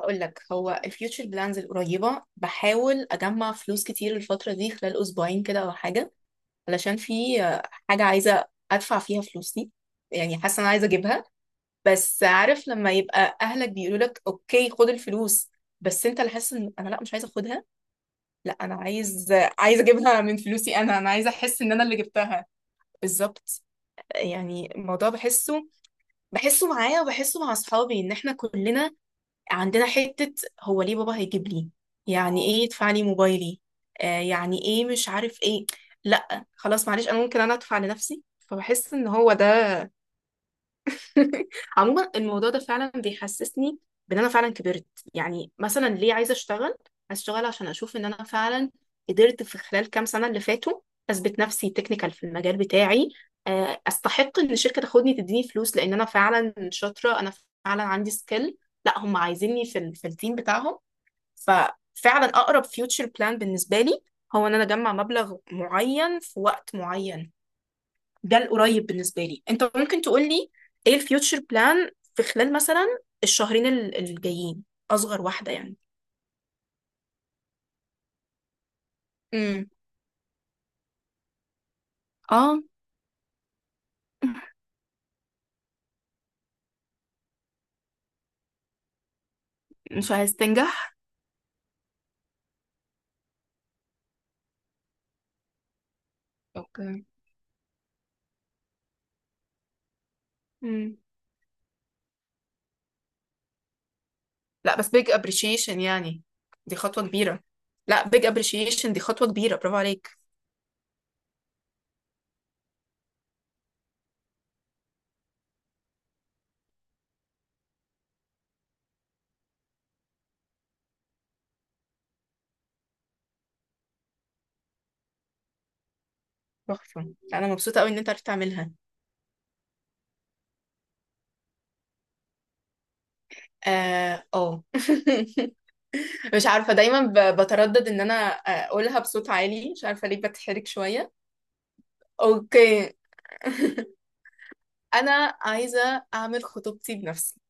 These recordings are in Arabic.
هقول لك هو الفيوتشر بلانز القريبة. بحاول أجمع فلوس كتير الفترة دي خلال أسبوعين كده أو حاجة، علشان في حاجة عايزة أدفع فيها فلوسي. يعني حاسة أنا عايزة أجيبها، بس عارف لما يبقى أهلك بيقولوا لك أوكي خد الفلوس، بس أنت اللي حاسس إن أنا لأ مش عايزة أخدها. لأ أنا عايزة أجيبها من فلوسي. أنا عايزة أحس إن أنا اللي جبتها. بالظبط. يعني الموضوع بحسه معايا وبحسه مع أصحابي، إن إحنا كلنا عندنا حتة هو ليه بابا هيجيب لي، يعني ايه يدفع لي موبايلي؟ يعني ايه مش عارف ايه. لا خلاص معلش، انا ممكن ادفع لنفسي، فبحس ان هو ده. عموما الموضوع ده فعلا بيحسسني بان انا فعلا كبرت. يعني مثلا ليه عايزة اشتغل؟ عشان اشوف ان انا فعلا قدرت في خلال كام سنة اللي فاتوا اثبت نفسي تكنيكال في المجال بتاعي، استحق ان الشركة تاخدني تديني فلوس لان انا فعلا شاطرة، انا فعلا عندي سكيل، لا هم عايزيني في التيم بتاعهم. ففعلا اقرب فيوتشر بلان بالنسبه لي هو ان انا اجمع مبلغ معين في وقت معين. ده القريب بالنسبه لي. انت ممكن تقول لي ايه الفيوتشر بلان في خلال مثلا الشهرين الجايين، اصغر واحده يعني. امم. اه. مش عايز تنجح. اوكي. امم. لا بس big appreciation يعني، دي خطوه كبيره. لا big appreciation، دي خطوه كبيره، برافو عليك. تحفه. لا، انا مبسوطه قوي ان انت عرفت تعملها. اه آه. مش عارفة، بتردد ان انا اقولها بصوت عالي، مش عارفة ليه بتحرك شوية. اوكي. انا عايزة اعمل خطوبتي بنفسي.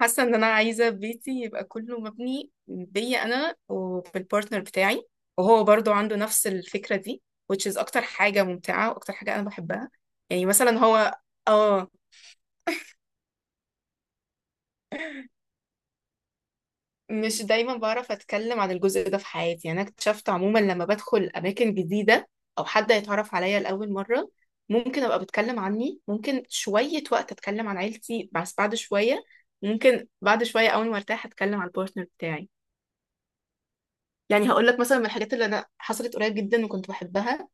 حاسة ان انا عايزة بيتي يبقى كله مبني بيا انا وبالبارتنر بتاعي، وهو برضو عنده نفس الفكرة دي، which is اكتر حاجة ممتعة واكتر حاجة انا بحبها. يعني مثلا هو اه، مش دايما بعرف اتكلم عن الجزء ده في حياتي. يعني انا اكتشفت عموما لما بدخل اماكن جديده او حد يتعرف عليا لاول مره، ممكن ابقى بتكلم عني ممكن شويه وقت، اتكلم عن عيلتي بس بعد شويه، ممكن بعد شويه اول ما ارتاح اتكلم عن البارتنر بتاعي. يعني هقول لك مثلا من الحاجات اللي انا حصلت قريب جدا وكنت بحبها،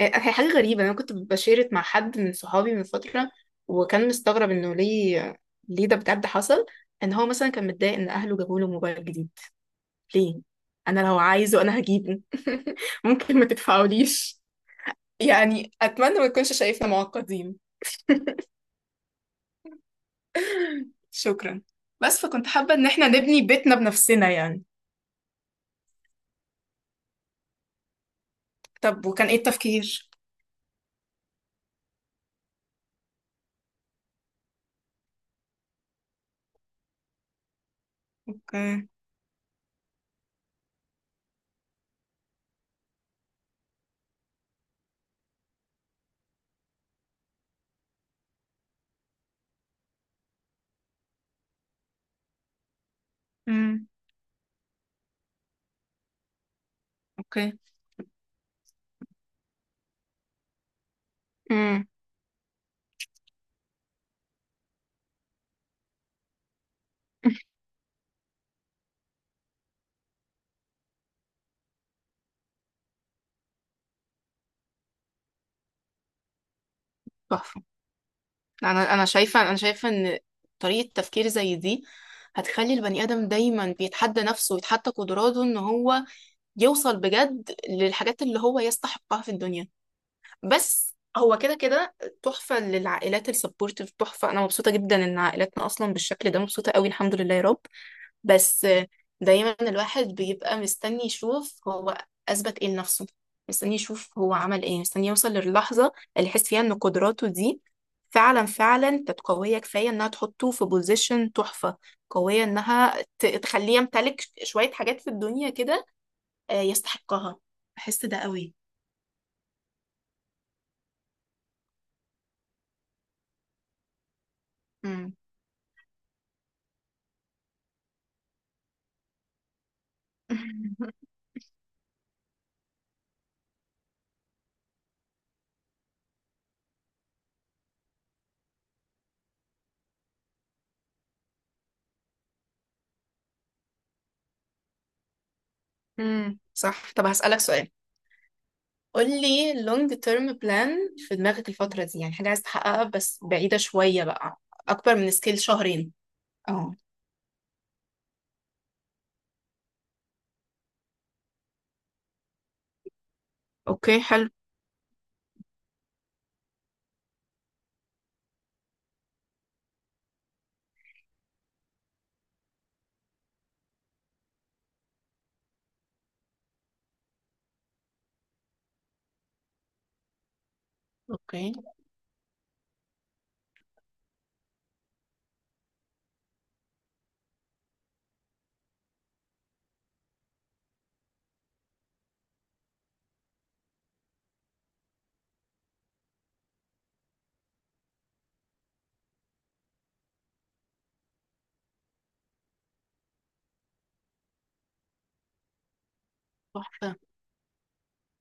هي حاجه غريبه. انا كنت بشيرت مع حد من صحابي من فتره، وكان مستغرب انه ليه، ليه ده بجد حصل، ان هو مثلا كان متضايق ان اهله جابوا له موبايل جديد. ليه؟ انا لو عايزه انا هجيبه. ممكن ما تدفعوليش. يعني أتمنى ما نكونش شايفنا معقدين. شكرا. بس فكنت حابة إن إحنا نبني بيتنا بنفسنا يعني. طب وكان إيه التفكير؟ أوكي. أمم. أوكي. امم. تحفة. أنا شايفة إن طريقة تفكير زي دي هتخلي البني آدم دايما بيتحدى نفسه ويتحدى قدراته إن هو يوصل بجد للحاجات اللي هو يستحقها في الدنيا. بس هو كده كده تحفة، للعائلات السبورتيف تحفة. أنا مبسوطة جدا إن عائلاتنا أصلا بالشكل ده، مبسوطة قوي الحمد لله يا رب. بس دايما الواحد بيبقى مستني يشوف هو أثبت إيه لنفسه، مستني يشوف هو عمل إيه، مستني يوصل للحظة اللي يحس فيها إن قدراته دي فعلا فعلا كانت قوية كفاية إنها تحطه في بوزيشن تحفة، قوية إنها تخليه يمتلك شوية حاجات في الدنيا كده يستحقها. بحس ده قوي. مم. صح. طب هسألك سؤال. قولي long term plan في دماغك الفترة دي، يعني حاجة عايز تحققها بس بعيدة شوية بقى، أكبر من سكيل شهرين. اه. اوكي حلو. اوكي. تحفة.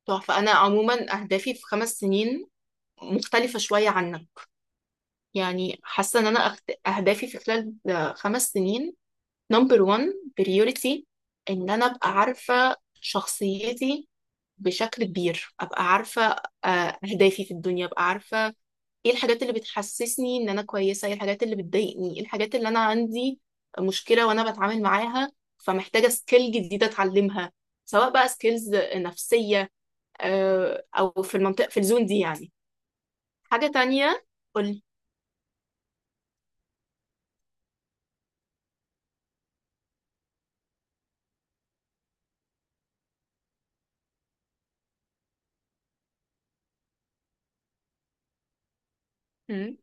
تحفة. أنا عموما أهدافي في خمس سنين مختلفة شوية عنك. يعني حاسة إن أنا أهدافي في خلال خمس سنين، نمبر 1 بريوريتي، إن أنا أبقى عارفة شخصيتي بشكل كبير، أبقى عارفة أهدافي في الدنيا، أبقى عارفة ايه الحاجات اللي بتحسسني ان انا كويسه، ايه الحاجات اللي بتضايقني، ايه الحاجات اللي انا عندي مشكله وانا بتعامل معاها، فمحتاجه سكيل جديده اتعلمها، سواء بقى سكيلز نفسيه او في المنطقه في الزون دي يعني. حاجه تانية. قولي. مم.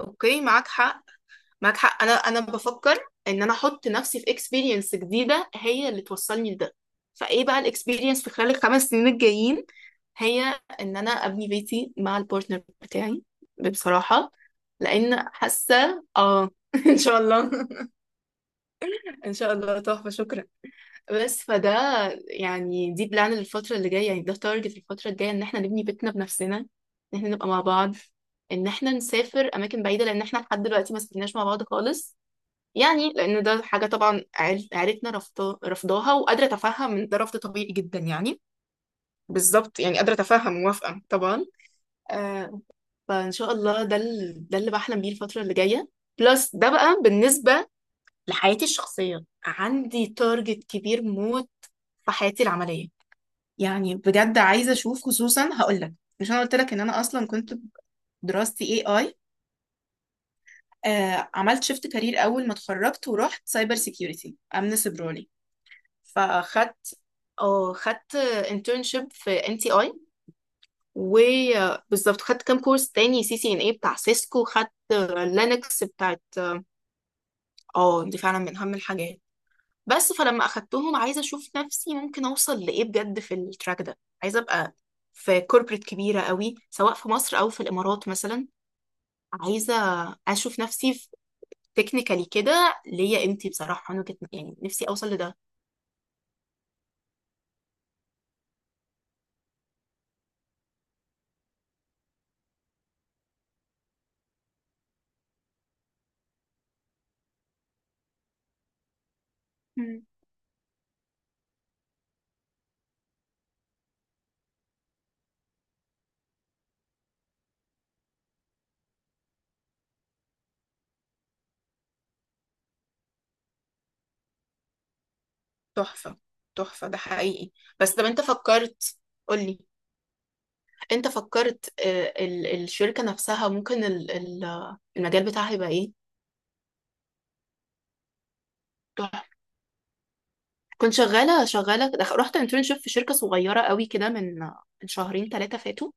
اوكي معاك حق. معاك حق. انا بفكر ان انا احط نفسي في اكسبيرينس جديده هي اللي توصلني لده. فايه بقى الاكسبيرينس في خلال الخمس سنين الجايين؟ هي ان انا ابني بيتي مع البارتنر بتاعي بصراحه، لان حاسه اه ان شاء الله. ان شاء الله تحفه شكرا. بس فده يعني دي بلان للفتره اللي جايه، يعني ده تارجت الفتره الجايه، ان احنا نبني بيتنا بنفسنا، ان احنا نبقى مع بعض، ان احنا نسافر اماكن بعيده، لان احنا لحد دلوقتي ما سافرناش مع بعض خالص. يعني لان ده حاجه طبعا عيلتنا رافضاها، وقادره اتفهم ان ده رفض طبيعي جدا يعني. بالظبط. يعني قادره اتفهم، موافقه طبعا. آه. فان شاء الله ده ده اللي بحلم بيه الفتره اللي جايه. بلس ده بقى بالنسبه لحياتي الشخصيه، عندي تارجت كبير موت في حياتي العمليه. يعني بجد عايزه اشوف، خصوصا هقول لك، مش انا قلت لك ان انا اصلا كنت دراستي اي اي، عملت شيفت كارير اول ما اتخرجت ورحت سايبر سيكيورتي امن سيبراني. فخدت اه، خدت internship في NTI، وبالظبط خدت كام كورس تاني، سي سي ان اي بتاع سيسكو، خدت لينكس بتاعت اه دي فعلا من اهم الحاجات. بس فلما اخدتهم عايزه اشوف نفسي ممكن اوصل لايه بجد في التراك ده. عايزه ابقى في كوربريت كبيره قوي، سواء في مصر او في الامارات مثلا. عايزه اشوف نفسي في تكنيكالي كده ليا قيمتي بصراحه، انا كنت يعني نفسي اوصل لده. تحفة. تحفة ده حقيقي. بس طب انت فكرت، قولي. انت فكرت آه، ال- الشركة نفسها ممكن المجال بتاعها يبقى ايه؟ تحفة. كنت شغالة رحت انترنشيب في شركة صغيرة قوي كده من من شهرين ثلاثة فاتوا،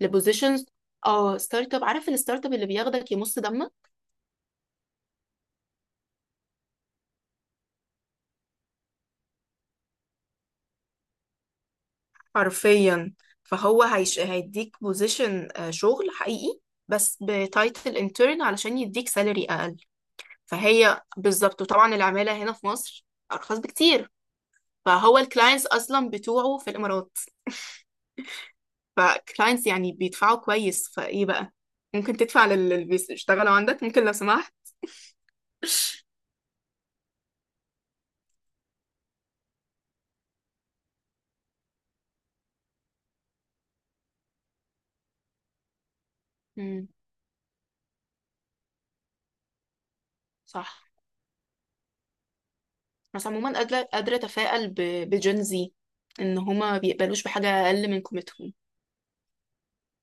لبوزيشنز. اه ستارت اب، عارف الستارت اب اللي بياخدك يمص دمك حرفيا. فهو هيديك بوزيشن شغل حقيقي بس بتايتل انترن علشان يديك سالري اقل. فهي بالظبط. وطبعا العمالة هنا في مصر أرخص بكتير. فهو الكلاينتس أصلا بتوعه في الإمارات، فكلاينتس يعني بيدفعوا كويس، فإيه بقى، ممكن تدفع للي بيشتغلوا عندك ممكن لو سمحت. مم. صح. بس عموما قادرة، قادرة أتفائل بجين زي، إن هما بيقبلوش بحاجة أقل من قيمتهم